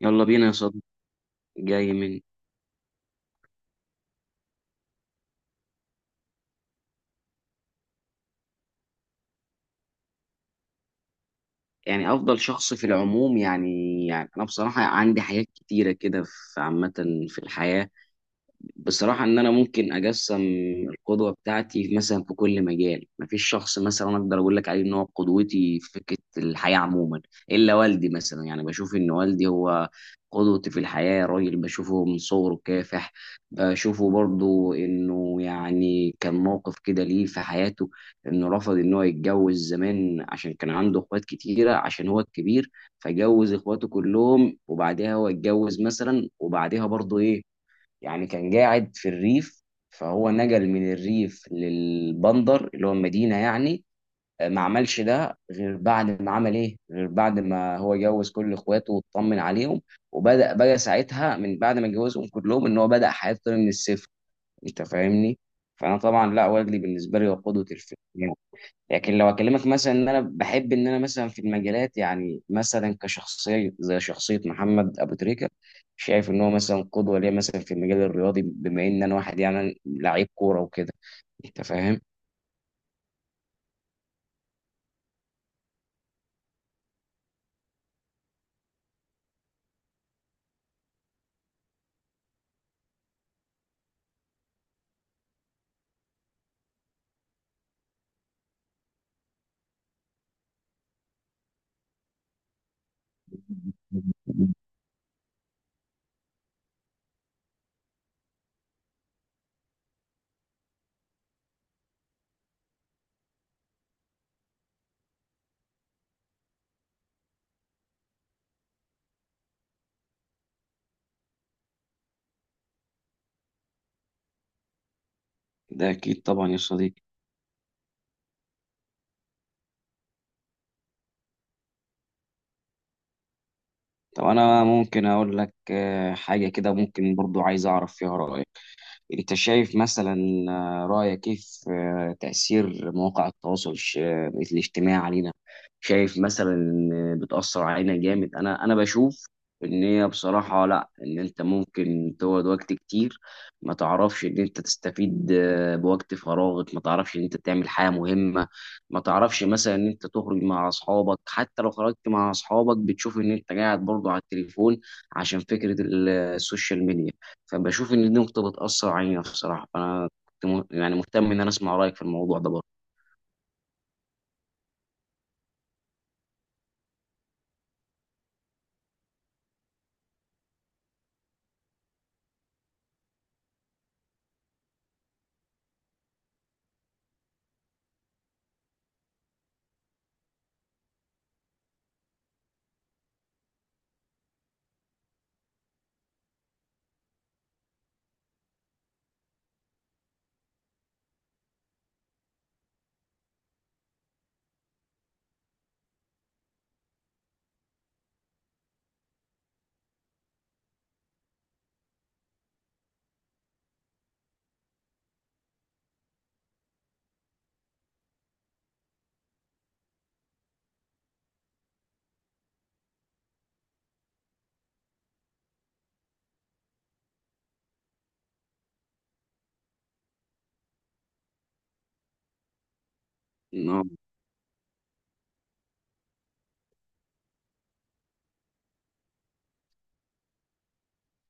يلا بينا يا صديقي. جاي من يعني افضل شخص في العموم يعني؟ يعني انا بصراحه عندي حاجات كتيره كده في عامه في الحياه. بصراحة إن أنا ممكن أقسم القدوة بتاعتي مثلا في كل مجال، مفيش شخص مثلا أقدر أقول لك عليه إن هو قدوتي في فكرة الحياة عموما، إلا والدي. مثلا يعني بشوف إن والدي هو قدوتي في الحياة، راجل بشوفه من صغره كافح، بشوفه برضو إنه يعني كان موقف كده ليه في حياته، إنه رفض إن هو يتجوز زمان عشان كان عنده إخوات كتيرة عشان هو الكبير، فجوز إخواته كلهم وبعدها هو اتجوز مثلا. وبعدها برضو إيه يعني كان قاعد في الريف، فهو نقل من الريف للبندر اللي هو المدينة يعني. ما عملش ده غير بعد ما عمل ايه، غير بعد ما هو جوز كل اخواته واطمن عليهم، وبدأ بقى ساعتها من بعد ما جوزهم كلهم ان هو بدأ حياته من الصفر. انت فاهمني؟ فانا طبعا لا، وجدي بالنسبة لي هو قدوة الفيلم. لكن لو اكلمك مثلا ان انا بحب ان انا مثلا في المجالات، يعني مثلا كشخصيه زي شخصيه محمد ابو تريكه، شايف ان هو مثلا قدوه ليا مثلا في المجال الرياضي، بما ان انا واحد يعني لعيب كوره وكده. انت فاهم؟ ده اكيد طبعا يا صديقي. طب انا ممكن اقول لك حاجه كده ممكن برضو عايز اعرف فيها رايك. انت شايف مثلا رأيك ايه في تأثير مواقع التواصل الاجتماعي علينا؟ شايف مثلا إن بتأثر علينا جامد؟ انا بشوف ان هي بصراحة لا، ان انت ممكن تقعد وقت كتير ما تعرفش ان انت تستفيد بوقت فراغك، ما تعرفش ان انت تعمل حاجة مهمة، ما تعرفش مثلا ان انت تخرج مع اصحابك، حتى لو خرجت مع اصحابك بتشوف ان انت قاعد برضه على التليفون عشان فكرة السوشيال ميديا. فبشوف ان دي نقطه بتاثر علينا بصراحه. فانا كنت يعني مهتم ان انا اسمع رايك في الموضوع ده. برضه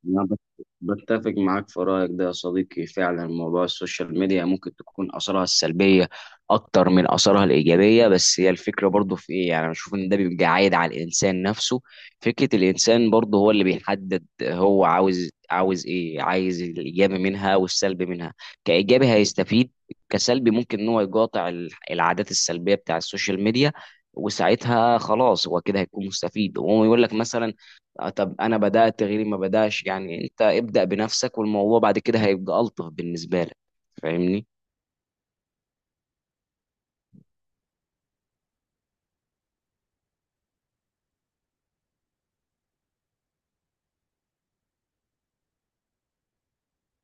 أنا بتفق معاك في رأيك ده يا صديقي، فعلا موضوع السوشيال ميديا ممكن تكون آثارها السلبية أكتر من آثارها الإيجابية. بس هي الفكرة برضه في إيه، يعني أنا بشوف إن ده بيبقى عايد على الإنسان نفسه، فكرة الإنسان برضه هو اللي بيحدد هو عاوز إيه، عايز الإيجابي منها والسلبي منها. كإيجابي هيستفيد، كسلبي ممكن إن هو يقاطع العادات السلبية بتاع السوشيال ميديا، وساعتها خلاص هو كده هيكون مستفيد. وهو يقول لك مثلا طب انا بدات غيري ما بداش، يعني انت ابدا بنفسك والموضوع بعد كده هيبقى الطف بالنسبه لك. فاهمني؟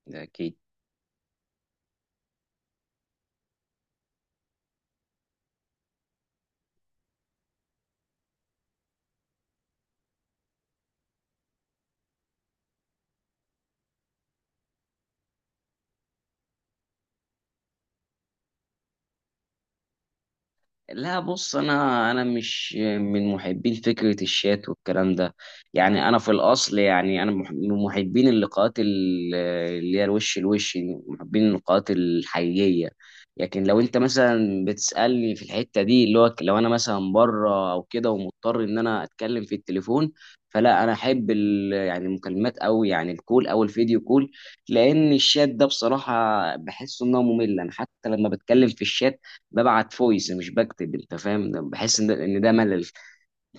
أكيد. لا بص، انا مش من محبين فكره الشات والكلام ده. يعني انا في الاصل يعني انا من محبين اللقاءات اللي هي الوش الوش، محبين اللقاءات الحقيقيه. لكن لو انت مثلا بتسالني في الحته دي اللي هو لو انا مثلا بره او كده، ومضطر ان انا اتكلم في التليفون، فلا انا احب يعني المكالمات، او يعني الكول او الفيديو كول. لان الشات ده بصراحه بحس انه ممل. انا حتى لما بتكلم في الشات ببعت فويس مش بكتب، انت فاهم؟ بحس ان ده ان ده ملل.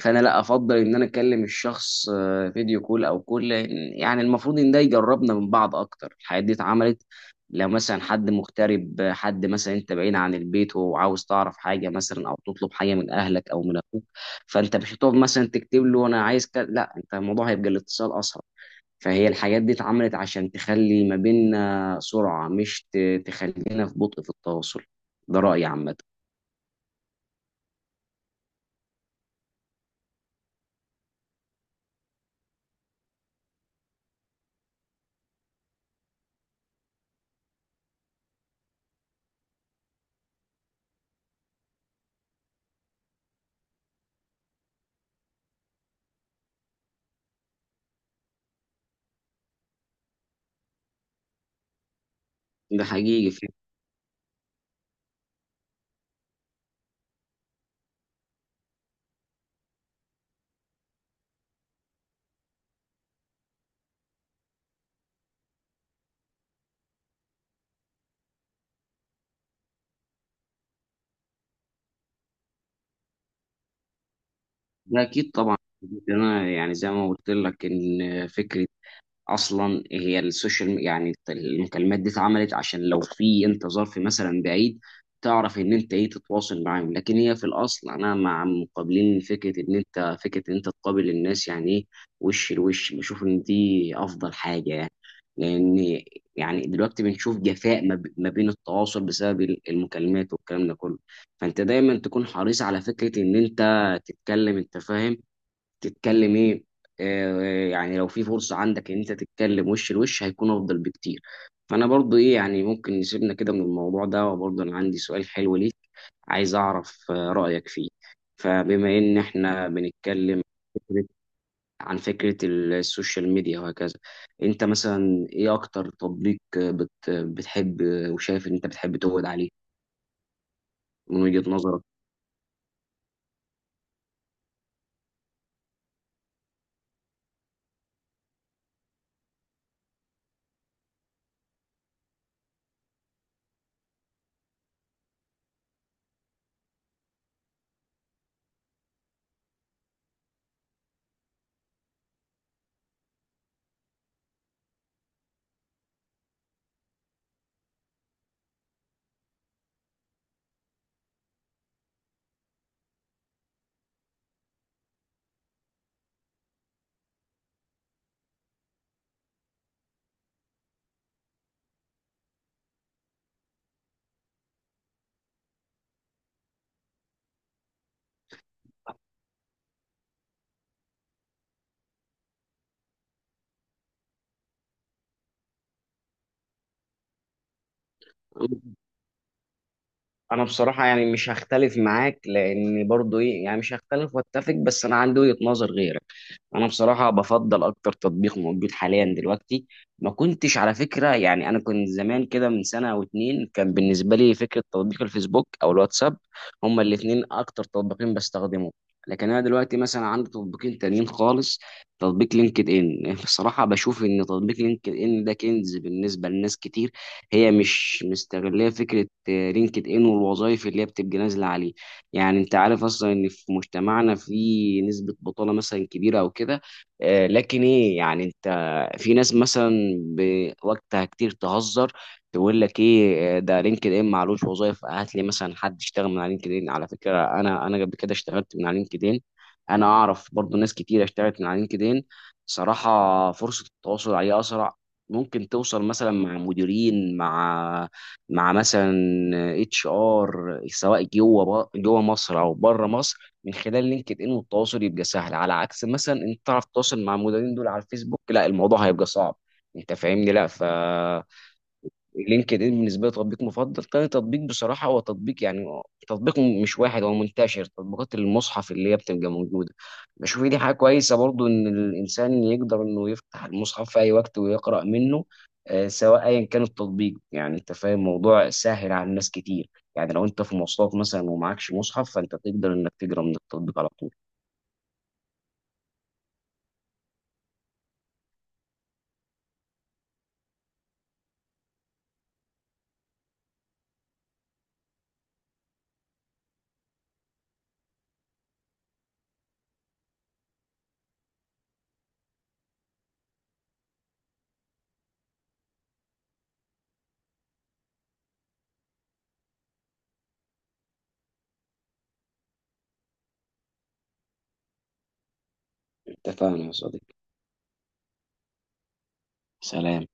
فانا لا، افضل ان انا اكلم الشخص فيديو كول او كل، يعني المفروض ان ده يجربنا من بعض اكتر. الحاجات دي اتعملت لو مثلا حد مغترب، حد مثلا انت بعيد عن البيت وعاوز تعرف حاجه مثلا او تطلب حاجه من اهلك او من اخوك، فانت مش هتقعد مثلا تكتب له انا عايز كده، لا، انت الموضوع هيبقى الاتصال اسرع. فهي الحاجات دي اتعملت عشان تخلي ما بيننا سرعه، مش تخلينا في بطء في التواصل. ده رايي عامه. ده حقيقي فعلا. ده اكيد طبعا. انا يعني زي ما قلت لك ان فكره اصلا هي السوشيال، يعني المكالمات دي اتعملت عشان لو في انت ظرف مثلا بعيد، تعرف ان انت ايه، تتواصل معاهم. لكن هي في الاصل انا مع مقابلين فكره ان انت، فكره ان انت تقابل الناس يعني ايه، وش لوش. بشوف ان دي افضل حاجه يعني. لان يعني دلوقتي بنشوف جفاء ما بين التواصل بسبب المكالمات والكلام ده كله. فانت دايما تكون حريص على فكره ان انت تتكلم، انت فاهم؟ تتكلم ايه يعني لو في فرصة عندك ان انت تتكلم وش لوش هيكون افضل بكتير. فانا برضو ايه، يعني ممكن نسيبنا كده من الموضوع ده، وبرضو انا عندي سؤال حلو ليك، عايز اعرف رأيك فيه. فبما ان احنا بنتكلم فكرة- عن فكرة السوشيال ميديا وهكذا، انت مثلا ايه اكتر تطبيق آه، بت بتحب وشايف ان انت بتحب تقعد عليه من وجهة نظرك؟ انا بصراحه يعني مش هختلف معاك، لان برضو ايه يعني مش هختلف واتفق، بس انا عندي وجهه نظر غيرك. انا بصراحه بفضل اكتر تطبيق موجود حاليا دلوقتي، ما كنتش على فكره، يعني انا كنت زمان كده من سنه او اتنين كان بالنسبه لي فكره تطبيق الفيسبوك او الواتساب، هما الاتنين اكتر تطبيقين بستخدمهم. لكن انا دلوقتي مثلا عندي تطبيقين تانيين خالص. تطبيق لينكد ان، بصراحه بشوف ان تطبيق لينكد ان ده كنز بالنسبه لناس كتير، هي مش مستغلية فكرة لينكد ان والوظائف اللي هي بتبقى نازلة عليه. يعني انت عارف اصلا ان في مجتمعنا في نسبة بطالة مثلا كبيرة او كده، لكن ايه يعني انت، في ناس مثلا بوقتها كتير تهزر، تقول لك ايه ده لينكد ان معلوش، وظائف هات لي مثلا حد يشتغل من على لينكد ان. على فكرة انا قبل كده اشتغلت من على لينكد ان، انا اعرف برضو ناس كتير اشتغلت من على لينكد ان. صراحة فرصة التواصل عليه أسرع، ممكن توصل مثلا مع مديرين، مع مثلا HR، سواء جوه جوه مصر او بره مصر، من خلال لينكد ان والتواصل يبقى سهل. على عكس مثلا انت تعرف تتواصل مع المديرين دول على الفيسبوك، لا الموضوع هيبقى صعب. انت فاهمني؟ لا ف لينكد ان بالنسبه لي تطبيق مفضل. تاني تطبيق بصراحه هو تطبيق يعني تطبيق مش واحد هو منتشر، تطبيقات المصحف اللي هي بتبقى موجوده. بشوف دي حاجه كويسه برضو ان الانسان يقدر انه يفتح المصحف في اي وقت ويقرا منه، سواء ايا كان التطبيق. يعني انت فاهم الموضوع سهل على الناس كتير، يعني لو انت في مواصلات مثلا ومعكش مصحف فانت تقدر انك تقرا من التطبيق على طول. انت فاهم يا صديقي. سلام.